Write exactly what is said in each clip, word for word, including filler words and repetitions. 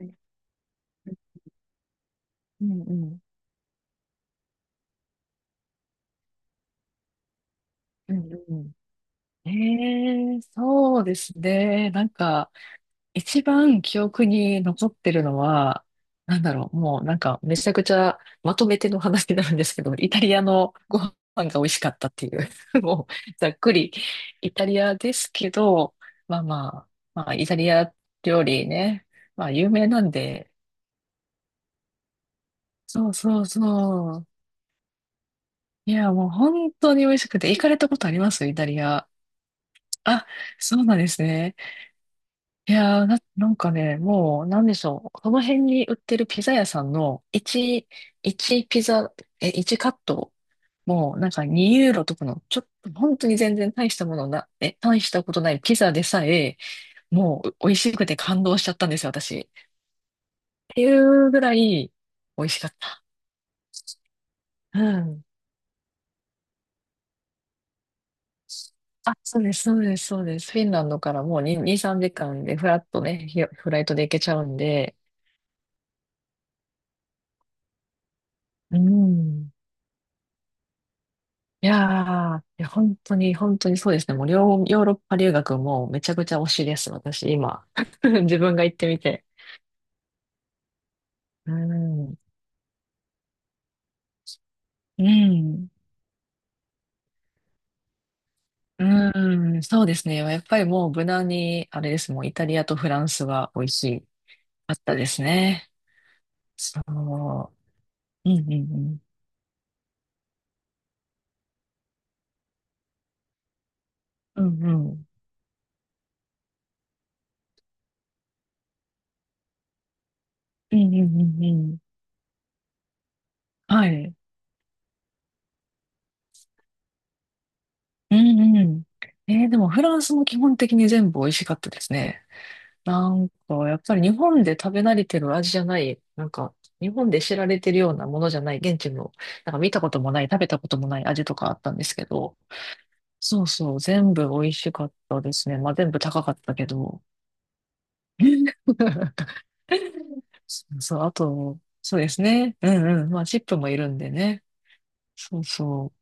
うんうん。うんうん。ええ、そうですね。なんか、一番記憶に残ってるのは、なんだろう、もうなんか、めちゃくちゃまとめての話になるんですけど、イタリアのご飯が美味しかったっていう、もう、ざっくり、イタリアですけど、まあまあ、まあ、イタリア料理ね、まあ、有名なんで、そうそうそう。いや、もう本当に美味しくて、行かれたことありますイタリア？あ、そうなんですね。いやー、な、なんかね、もう、なんでしょう。この辺に売ってるピザ屋さんのいち、一ピザ、え、いちカット、もなんかにユーロとかの、ちょっと、本当に全然大したものな、え、大したことないピザでさえ、もう、美味しくて感動しちゃったんですよ、私。っていうぐらい、美味しかった。うん。あ、そうです、そうです、そうです。フィンランドからもうに、に、さんじかんでフラッとね、ひフライトで行けちゃうんで、うん。いやー、いや本当に、本当にそうですね。もう、両ヨーロッパ留学もめちゃくちゃ推しです、私、今。自分が行ってみて。うん。うん。うん。そうですね。やっぱりもう、無難に、あれです。もう、イタリアとフランスは美味しい。あったですね。そう。うんうんうん。うんうん。うんうんうんうん。はい。うんうん。えー、でも、フランスも基本的に全部美味しかったですね。なんか、やっぱり日本で食べ慣れてる味じゃない、なんか、日本で知られてるようなものじゃない、現地の、なんか見たこともない、食べたこともない味とかあったんですけど、そうそう、全部美味しかったですね。まあ、全部高かったけど。そうそう、あと、そうですね。うんうん。まあ、チップもいるんでね。そうそ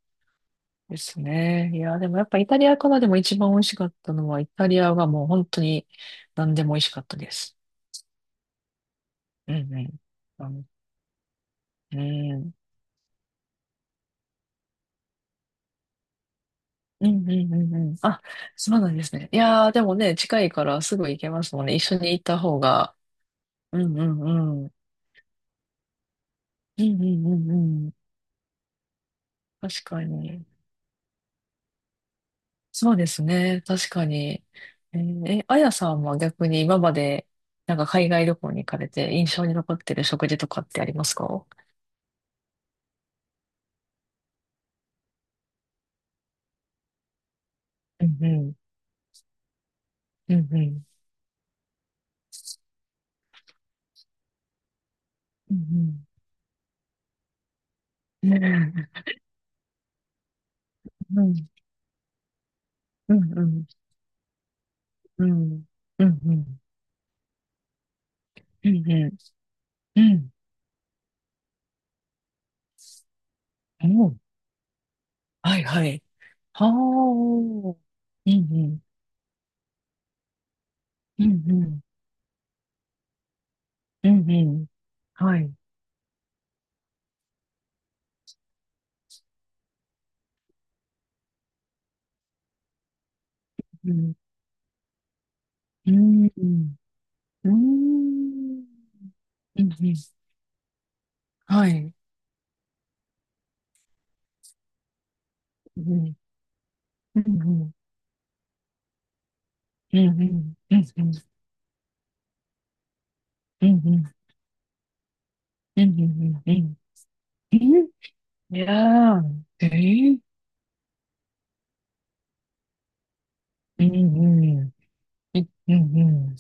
うですね。いや、でもやっぱイタリアからでも一番美味しかったのは、イタリアがもう本当に何でも美味しかったです。うんうん。あのうん。うんうんうんうん。あ、そうなんですね。いやー、でもね、近いからすぐ行けますもんね。一緒に行った方が。うんうんうん。うんうんうんうん。確かに。そうですね。確かに。えー、えあやさんは逆に今まで、なんか海外旅行に行かれて印象に残ってる食事とかってありますか？うんうん。うんうん。うんうん。うんうん。うんうん。うんうん。うんうん。うんうん。うんうんはいはい。はあ、うんうん、うんうん、うんうん、はい、うん、うん、うん、うん、うん、はい、うん、うん、うん、うん、うん、うん、うん、うん、うん、うん、うん、うん、いやー、えー、うん、うん、えうん、うん、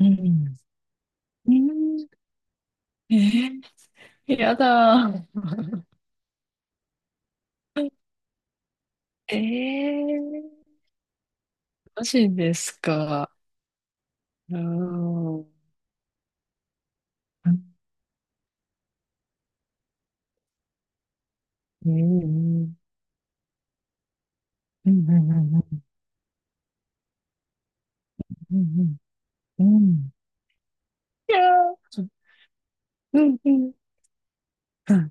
うん、うんえー、やだー。えー、マジですか。ーうんうんうんうんうんうんうんうんうんいやーそうんうんうん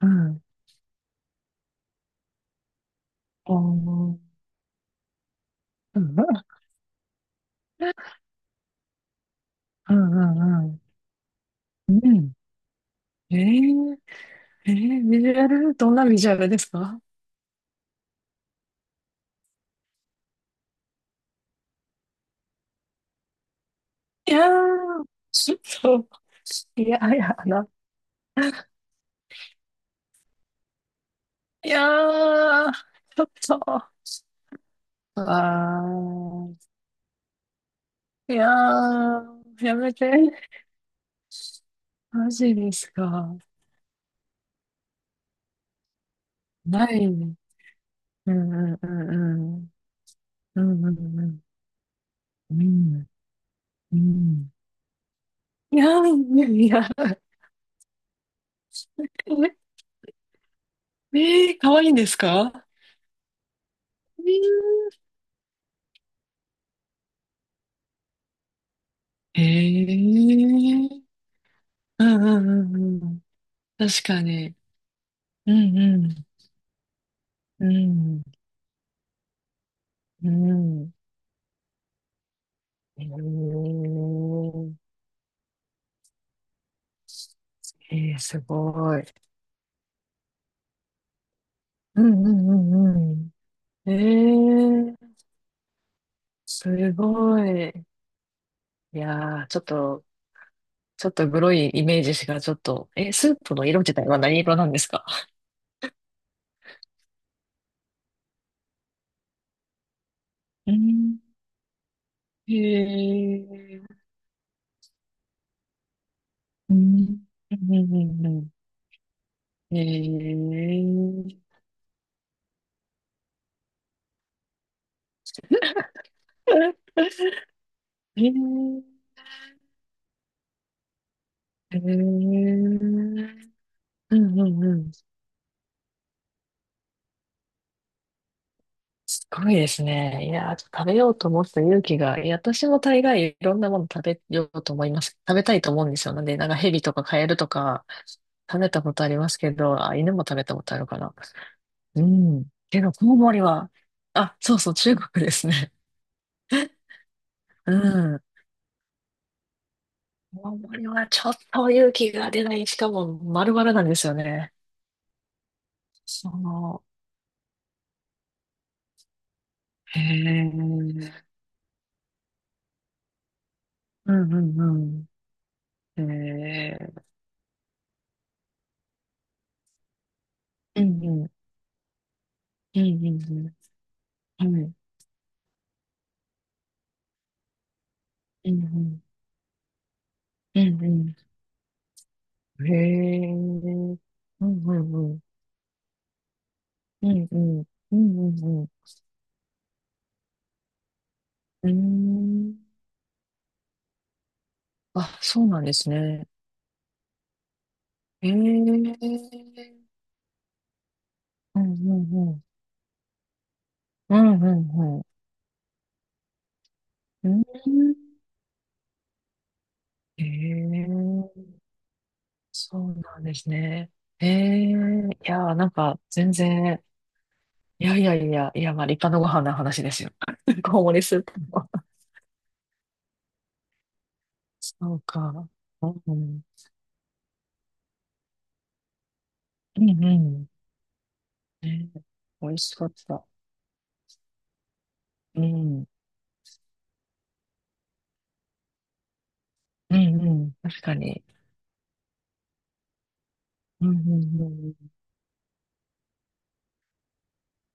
うんおーうんうんうんうんうんえーえービジュアルどんなビジュアルですか？いやーちょっと、いやいやな。いやーちょっと、あーいやーやめて。マジですか。ないねうんうんうんうん。うんうんうん。うんうん。いやー、いやえー、可愛いいんですか？えー、うんうんうんうん。確かに。うんうん。うん。うん。えー、えー、すごい。うんうんうんうん。えー、すごい。いやー、ちょっと、ちょっとグロいイメージしかちょっと、え、スープの色自体は何色なんですか？うんへえーうん。うんうんうんへえ。へえ。へえ。うんうんうん。すごいですね。いやー、食べようと思ってた勇気が、いや、私も大概いろんなもの食べようと思います。食べたいと思うんですよ。なんで、なんかヘビとかカエルとか食べたことありますけど、あ、犬も食べたことあるかな。うん。けど、コウモリは、あ、そうそう、中国ですね。うん。コウモリはちょっと勇気が出ない。しかも丸々なんですよね。その、へえ、うんうんうん。へえ、うんうん、うんうんうん。はい、うんうん、うんうん。へえ、うんうんうん、うんうん、うんうんうん。うーん。あ、そうなんですね。へえ、うんうんうん、うんうんうん。うんへえ、そうなんですね。へえ、いやー、なんか全然いやいやいや、いや、まあ立派なご飯の話ですよ。ごもりスープも。そうか。うん。うんうん。ね、美味しかった。うん。うんうん。確かに。うんうんうん。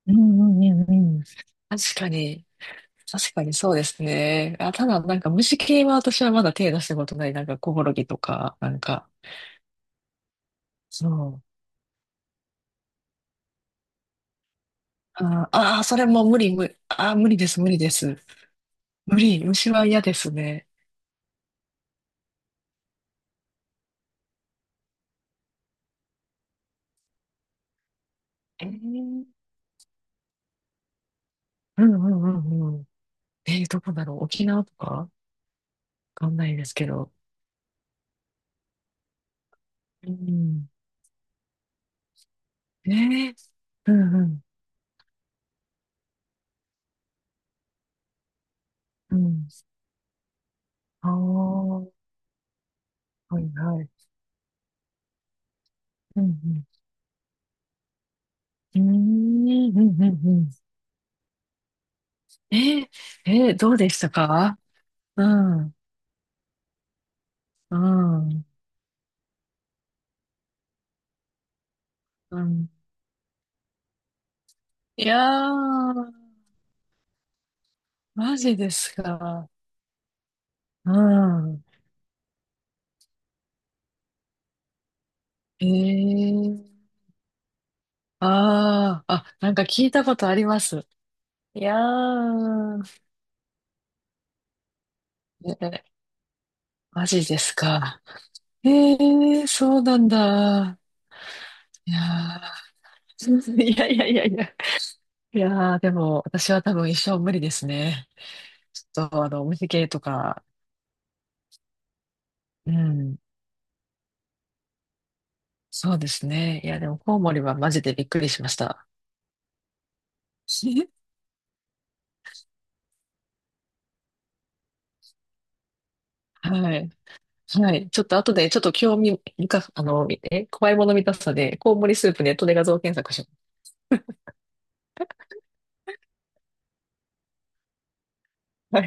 うんうんうんうん。確かに。確かにそうですね。あ、ただ、なんか虫系は私はまだ手出したことない。なんかコオロギとか、なんか、そう。ああー、それも無理、無理。あー無理です、無理です。無理、虫は嫌ですね。えー、うんうんうんうん。えー、どこだろう沖縄とかわかんないですけど。うん。えー、うんうん。うん。ああ、はいはい。うんうん。うーん、うん、うん、うん。えー、えー、どうでしたか？うん、うん、うん。いやー、マジですか。うん。えー、ああ、あ、なんか聞いたことあります。いやー、えーマジですか。えー、そうなんだ。いやー、いやいやいやいや。いやー、でも、私は多分一生無理ですね。ちょっと、あの、お店系とか、うん、そうですね。いや、でも、コウモリはマジでびっくりしました。はい。はい。ちょっと後で、ちょっと興味みかあの、え、怖いもの見たさで、コウモリスープネットで画像検索します。はい